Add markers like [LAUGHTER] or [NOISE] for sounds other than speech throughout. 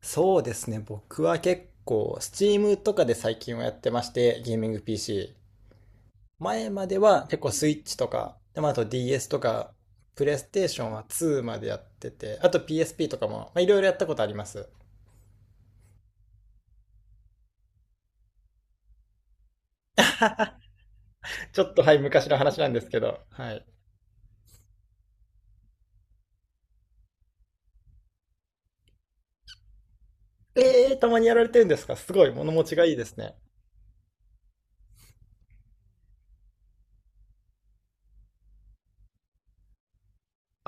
そうですね。僕は結構、Steam とかで最近はやってまして、ゲーミング PC。前までは結構 Switch とか、でまああと DS とか、PlayStation は2までやってて、あと PSP とかも、まあ、いろいろやったことあります。ちょっとはい、昔の話なんですけど、はい。たまにやられてるんですかすごい、物持ちがいいですね。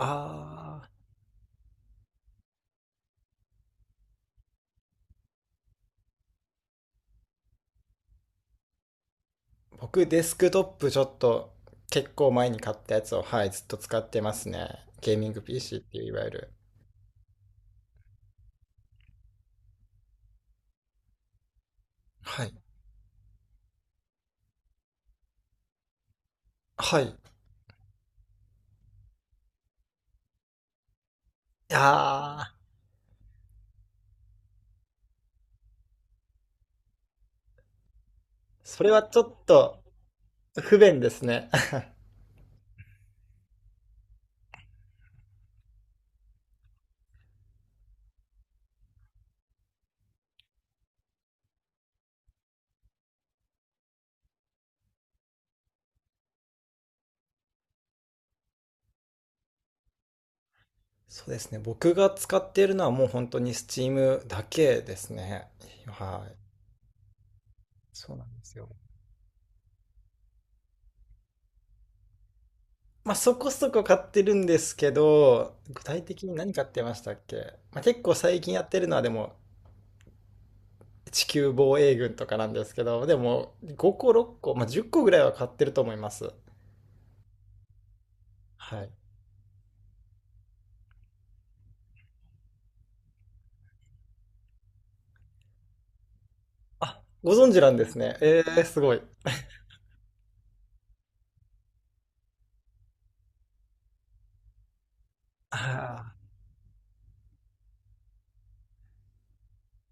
あ僕デスクトップちょっと結構前に買ったやつを、はい、ずっと使ってますね。ゲーミング PC っていういわゆる。はい。はい。ああ、それはちょっと不便ですね。[LAUGHS] そうですね。僕が使っているのはもう本当に Steam だけですね。はい。そうなんですよ。まあそこそこ買ってるんですけど、具体的に何買ってましたっけ、まあ結構最近やってるのはでも地球防衛軍とかなんですけど、でも5個6個、まあ10個ぐらいは買ってると思います。はい。あ、ご存知なんですね。すごい。あ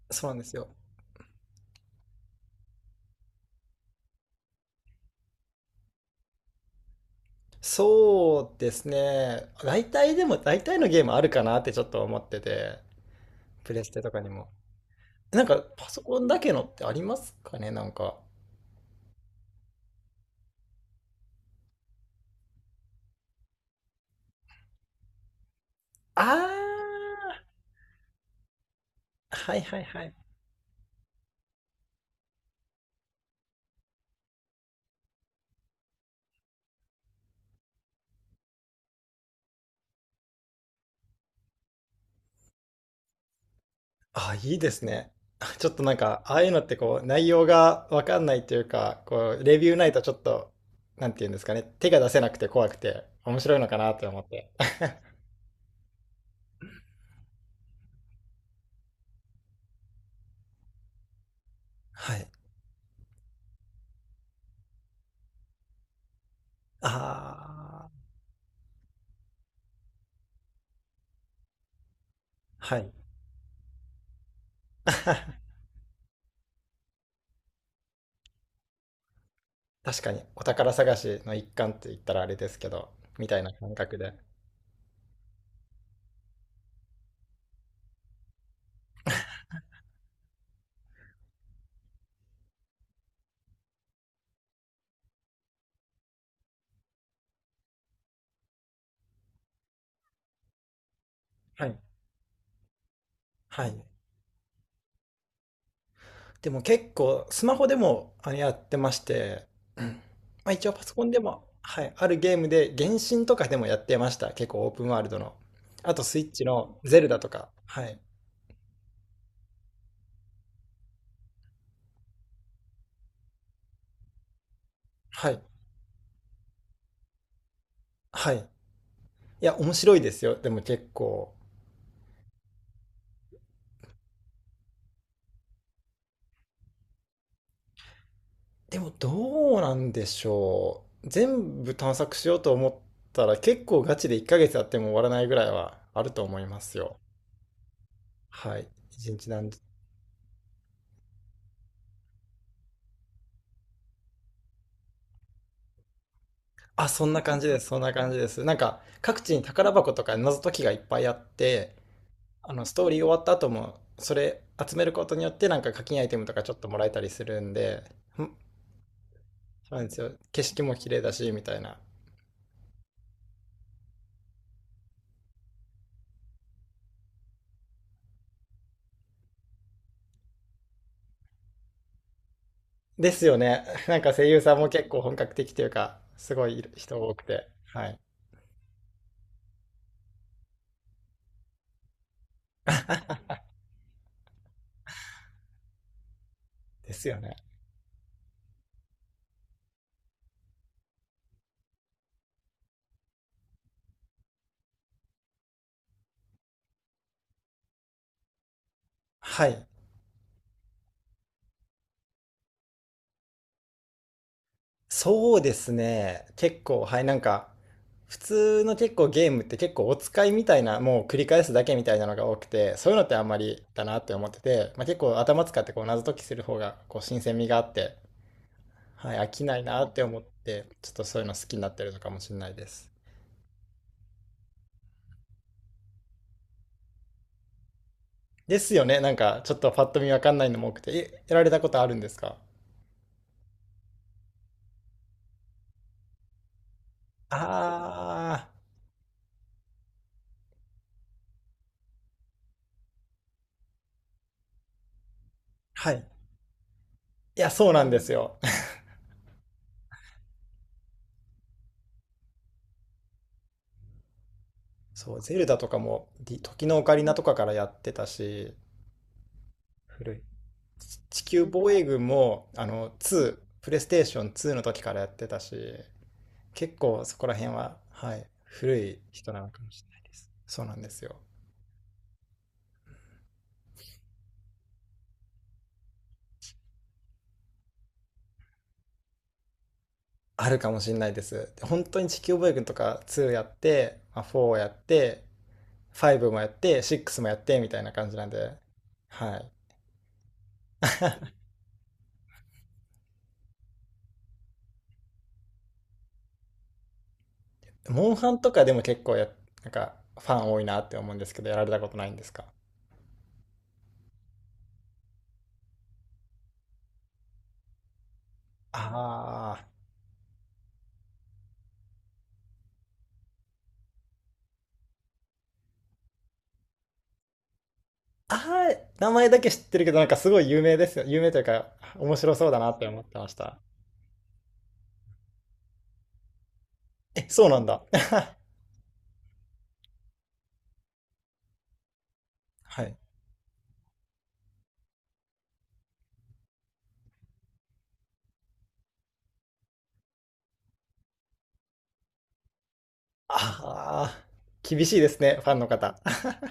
あ、そうなんですよ。そうですね。大体のゲームあるかなってちょっと思ってて、プレステとかにも。なんか、パソコンだけのってありますかね、なんか。あー、はいはいはい。あ、いいですね。あちょっとなんか、ああいうのってこう、内容がわかんないというか、こう、レビューないとちょっと、なんていうんですかね、手が出せなくて怖くて、面白いのかなって思って。[LAUGHS] はい。[LAUGHS] あー、はい。[LAUGHS] 確かに、お宝探しの一環って言ったらあれですけど、みたいな感覚で。はい。はい。でも結構、スマホでもあれやってまして、うん、まあ一応パソコンでも、はい、あるゲームで、原神とかでもやってました。結構オープンワールドの。あとスイッチのゼルダとか。はい。はい。はい。いや、面白いですよ。でも結構。でもどうなんでしょう。全部探索しようと思ったら結構ガチで1ヶ月やっても終わらないぐらいはあると思いますよ。はい。一日何時。あ、そんな感じです。そんな感じです。なんか、各地に宝箱とか謎解きがいっぱいあって、あの、ストーリー終わった後も、それ集めることによって、なんか課金アイテムとかちょっともらえたりするんで、ん、そうなんですよ。景色も綺麗だし、みたいな。ですよね。[LAUGHS] なんか声優さんも結構本格的というか、すごい人多くて。はい。ですよね。はい。そうですね。結構、はい、なんか、普通の結構ゲームって結構お使いみたいな、もう繰り返すだけみたいなのが多くて、そういうのってあんまりだなって思ってて、まあ、結構頭使ってこう謎解きする方がこう新鮮味があって、はい、飽きないなって思って、ちょっとそういうの好きになってるのかもしれないです。ですよね。なんか、ちょっとパッと見わかんないのも多くて、え、やられたことあるんですか？ああー、はい。いや、そうなんですよ。[LAUGHS] そう、ゼルダとかも、ディ時のオカリナとかからやってたし、古い。地球防衛軍も、あの、ープレイステーション2の時からやってたし、結構そこら辺は、はい、古い人なのかもしれないです。そうなんですよ。あるかもしれないです。本当に地球防衛軍とか2やって、まあ、4をやって、5もやって、6もやって、みたいな感じなんで、はい。[LAUGHS] モンハンとかでも結構や、なんか、ファン多いなって思うんですけど、やられたことないんですか？ああ名前だけ知ってるけど、なんかすごい有名ですよ。有名というか、面白そうだなって思ってました。え、そうなんだ。[LAUGHS] はい。ああ、厳しいですね、ファンの方。[LAUGHS]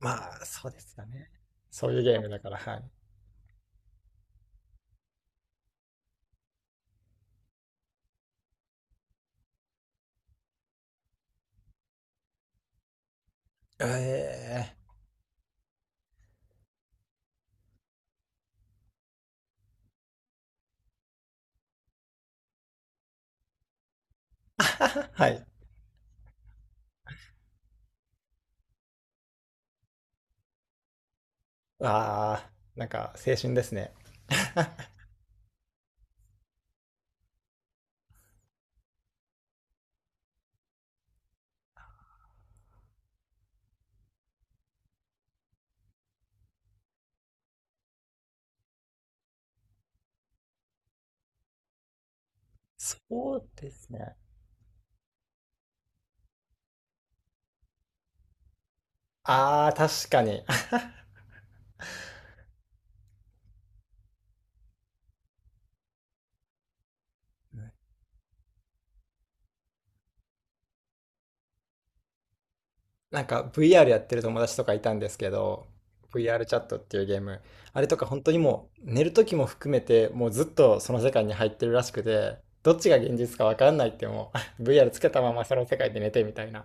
まあ、そうですよね。そういうゲームだから、はい。ええー [LAUGHS] はい。ああ、なんか青春ですね。そうですね。ああ、確かに。[LAUGHS] なんか VR やってる友達とかいたんですけど、VR チャットっていうゲーム、あれとか本当にもう寝る時も含めてもうずっとその世界に入ってるらしくて、どっちが現実かわかんないってもう VR [LAUGHS] つけたままその世界で寝てみたいな